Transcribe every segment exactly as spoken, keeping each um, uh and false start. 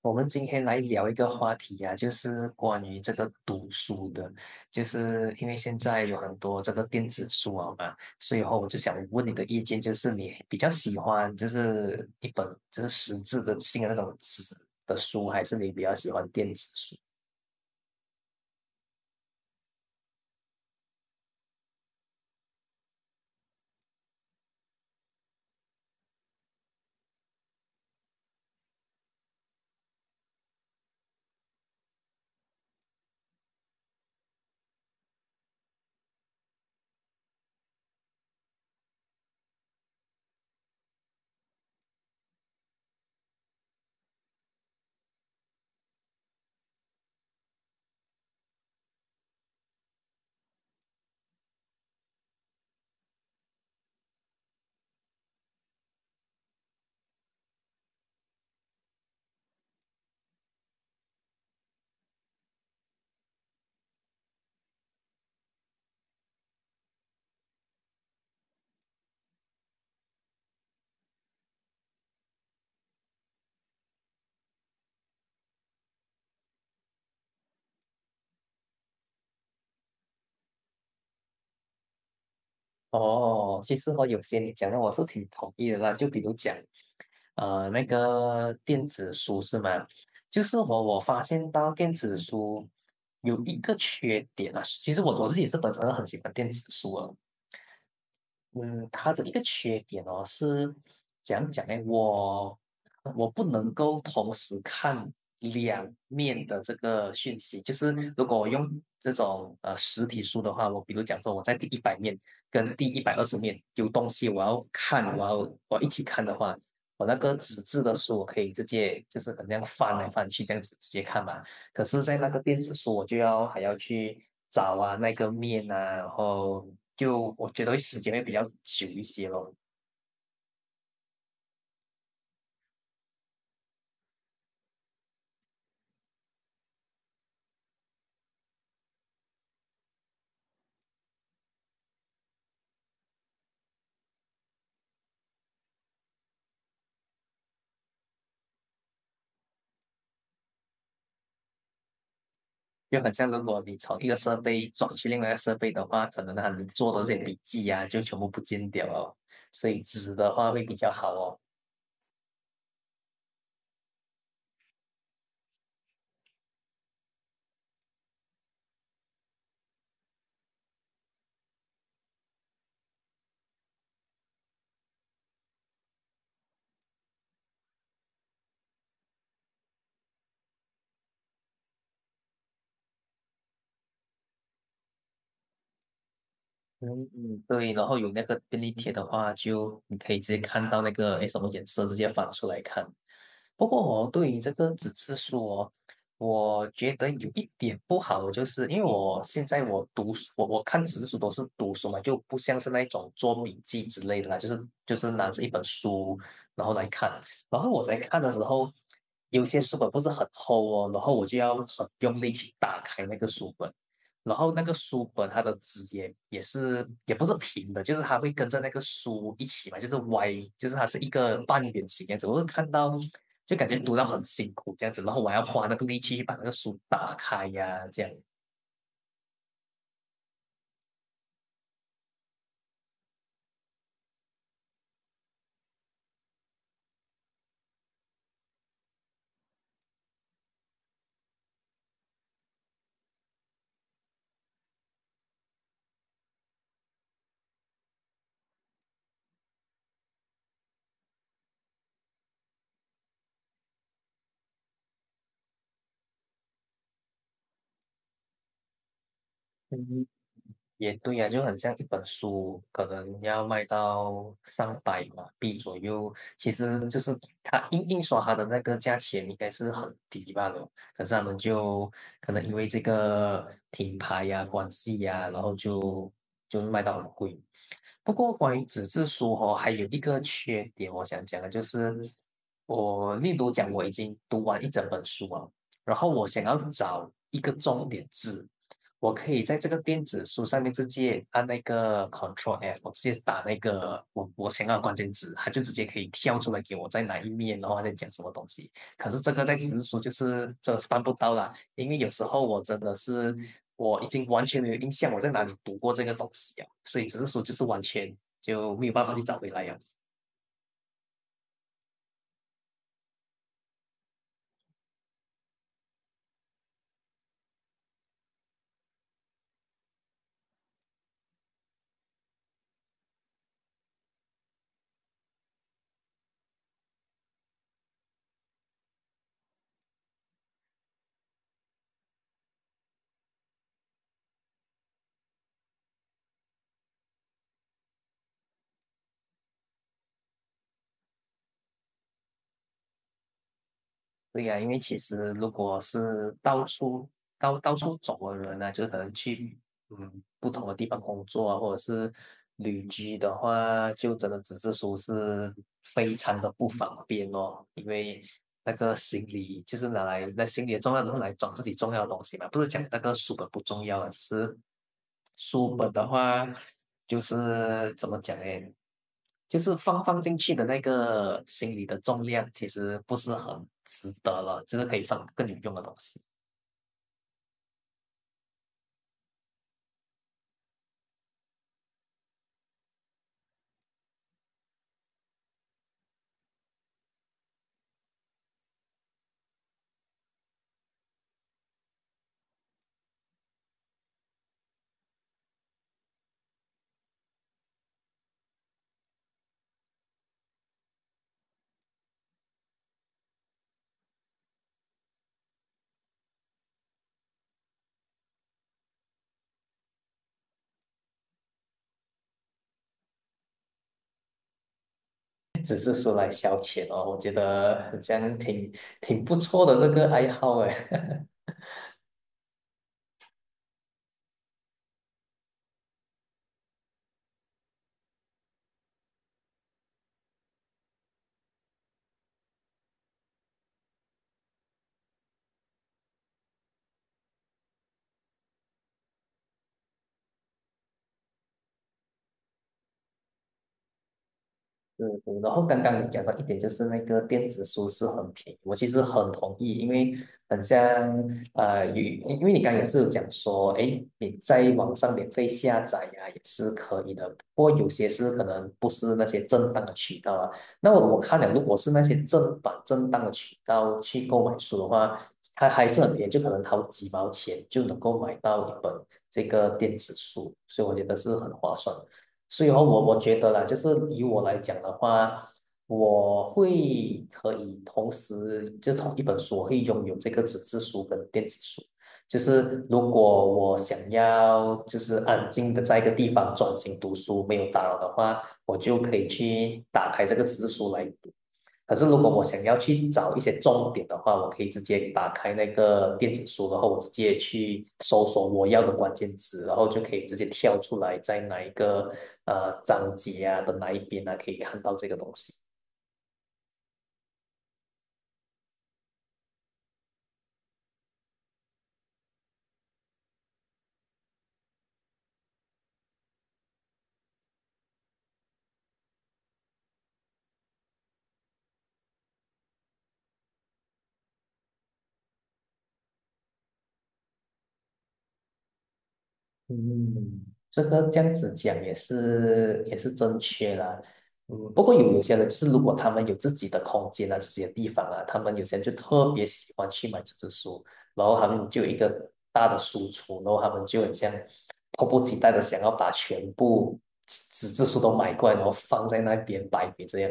我们今天来聊一个话题啊，就是关于这个读书的，就是因为现在有很多这个电子书啊嘛，所以后我就想问你的意见，就是你比较喜欢就是一本就是实质的性的那种纸的书，还是你比较喜欢电子书？哦，其实我有些你讲的我是挺同意的啦，就比如讲呃那个电子书是吗？就是我我发现到电子书有一个缺点啊，其实我我自己是本身很喜欢电子书啊。嗯，它的一个缺点哦，是怎样讲呢？我我不能够同时看两面的这个讯息，就是如果我用这种呃实体书的话，我比如讲说我在第一百面跟第一百二十面有东西我要看，我要我要一起看的话，我那个纸质的书我可以直接就是可能这样翻来翻去这样子直接看嘛。可是，在那个电子书，我就要还要去找啊那个面啊，然后就我觉得时间会比较久一些咯。就很像如果你从一个设备转去另外一个设备的话，可能他能做的这些笔记啊，就全部不见掉了。所以纸的话会比较好哦。嗯嗯，对，然后有那个便利贴的话，就你可以直接看到那个诶什么颜色，直接翻出来看。不过我对于这个纸质书哦，我觉得有一点不好，就是因为我现在我读书，我我看纸质书都是读书嘛，就不像是那种做笔记之类的啦，就是就是拿着一本书然后来看，然后我在看的时候，有些书本不是很厚哦，然后我就要很用力去打开那个书本。然后那个书本它的枝叶也是也不是平的，就是它会跟着那个书一起嘛，就是歪，就是它是一个半圆形这样子。我看到就感觉读到很辛苦这样子，然后我还要花那个力气去把那个书打开呀、啊这样。也对呀、就很像一本书，可能要卖到上百马币左右。其实就是它印印刷它的那个价钱应该是很低吧了，可是他们就可能因为这个品牌呀、关系呀，然后就就是卖到很贵。不过关于纸质书哦，还有一个缺点，我想讲的就是，我例如讲我已经读完一整本书啊，然后我想要找一个重点字，我可以在这个电子书上面直接按那个 Control F，我直接打那个我我想要的关键词，它就直接可以跳出来给我在哪一面，然后在讲什么东西。可是这个在纸质书就是真的是办不到啦，因为有时候我真的是我已经完全没有印象我在哪里读过这个东西啊，所以纸质书就是完全就没有办法去找回来呀。对呀、啊因为其实如果是到处到到处走的人呢、啊就可能去嗯，不同的地方工作啊，或者是旅居的话，就真的只是说是非常的不方便哦，因为那个行李就是拿来那行李的重要都是来装自己重要的东西嘛，不是讲那个书本不重要啊，只是书本的话就是怎么讲呢？就是放放进去的那个行李的重量其实不是很值得了，就是可以放更有用的东西。只是说来消遣哦，我觉得这样挺挺不错的这个爱好哎。是，然后刚刚你讲到一点，就是那个电子书是很便宜，我其实很同意，因为很像呃，有因为你刚刚也是有讲说，哎，你在网上免费下载呀、也是可以的，不过有些是可能不是那些正当的渠道啊。那我我看了，如果是那些正版正当的渠道去购买书的话，它还是很便宜，就可能掏几毛钱就能够买到一本这个电子书，所以我觉得是很划算。所以哦，我我觉得啦，就是以我来讲的话，我会可以同时就同一本书，我会拥有这个纸质书跟电子书。就是如果我想要就是安静的在一个地方专心读书，没有打扰的话，我就可以去打开这个纸质书来读。可是如果我想要去找一些重点的话，我可以直接打开那个电子书，然后我直接去搜索我要的关键词，然后就可以直接跳出来在哪一个呃章节啊的哪一边啊可以看到这个东西。嗯，这个这样子讲也是也是正确啦。嗯，不过有有些人就是如果他们有自己的空间啊，自己的地方啊，他们有些人就特别喜欢去买纸质书，然后他们就有一个大的书橱，然后他们就很像迫不及待的想要把全部纸质书都买过来，然后放在那边摆摆这样。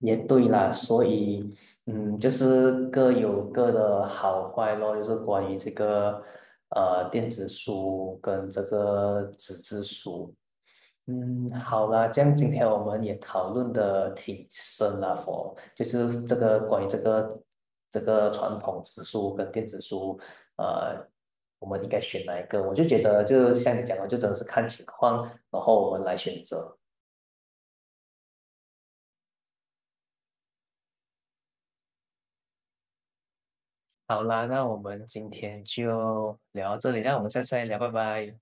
也对啦，所以，嗯，就是各有各的好坏咯，就是关于这个呃电子书跟这个纸质书。嗯，好啦，这样今天我们也讨论的挺深了，佛，就是这个关于这个这个传统纸书跟电子书，呃，我们应该选哪一个？我就觉得，就像你讲的，就真的是看情况，然后我们来选择。好啦，那我们今天就聊到这里，那我们下次再聊，拜拜。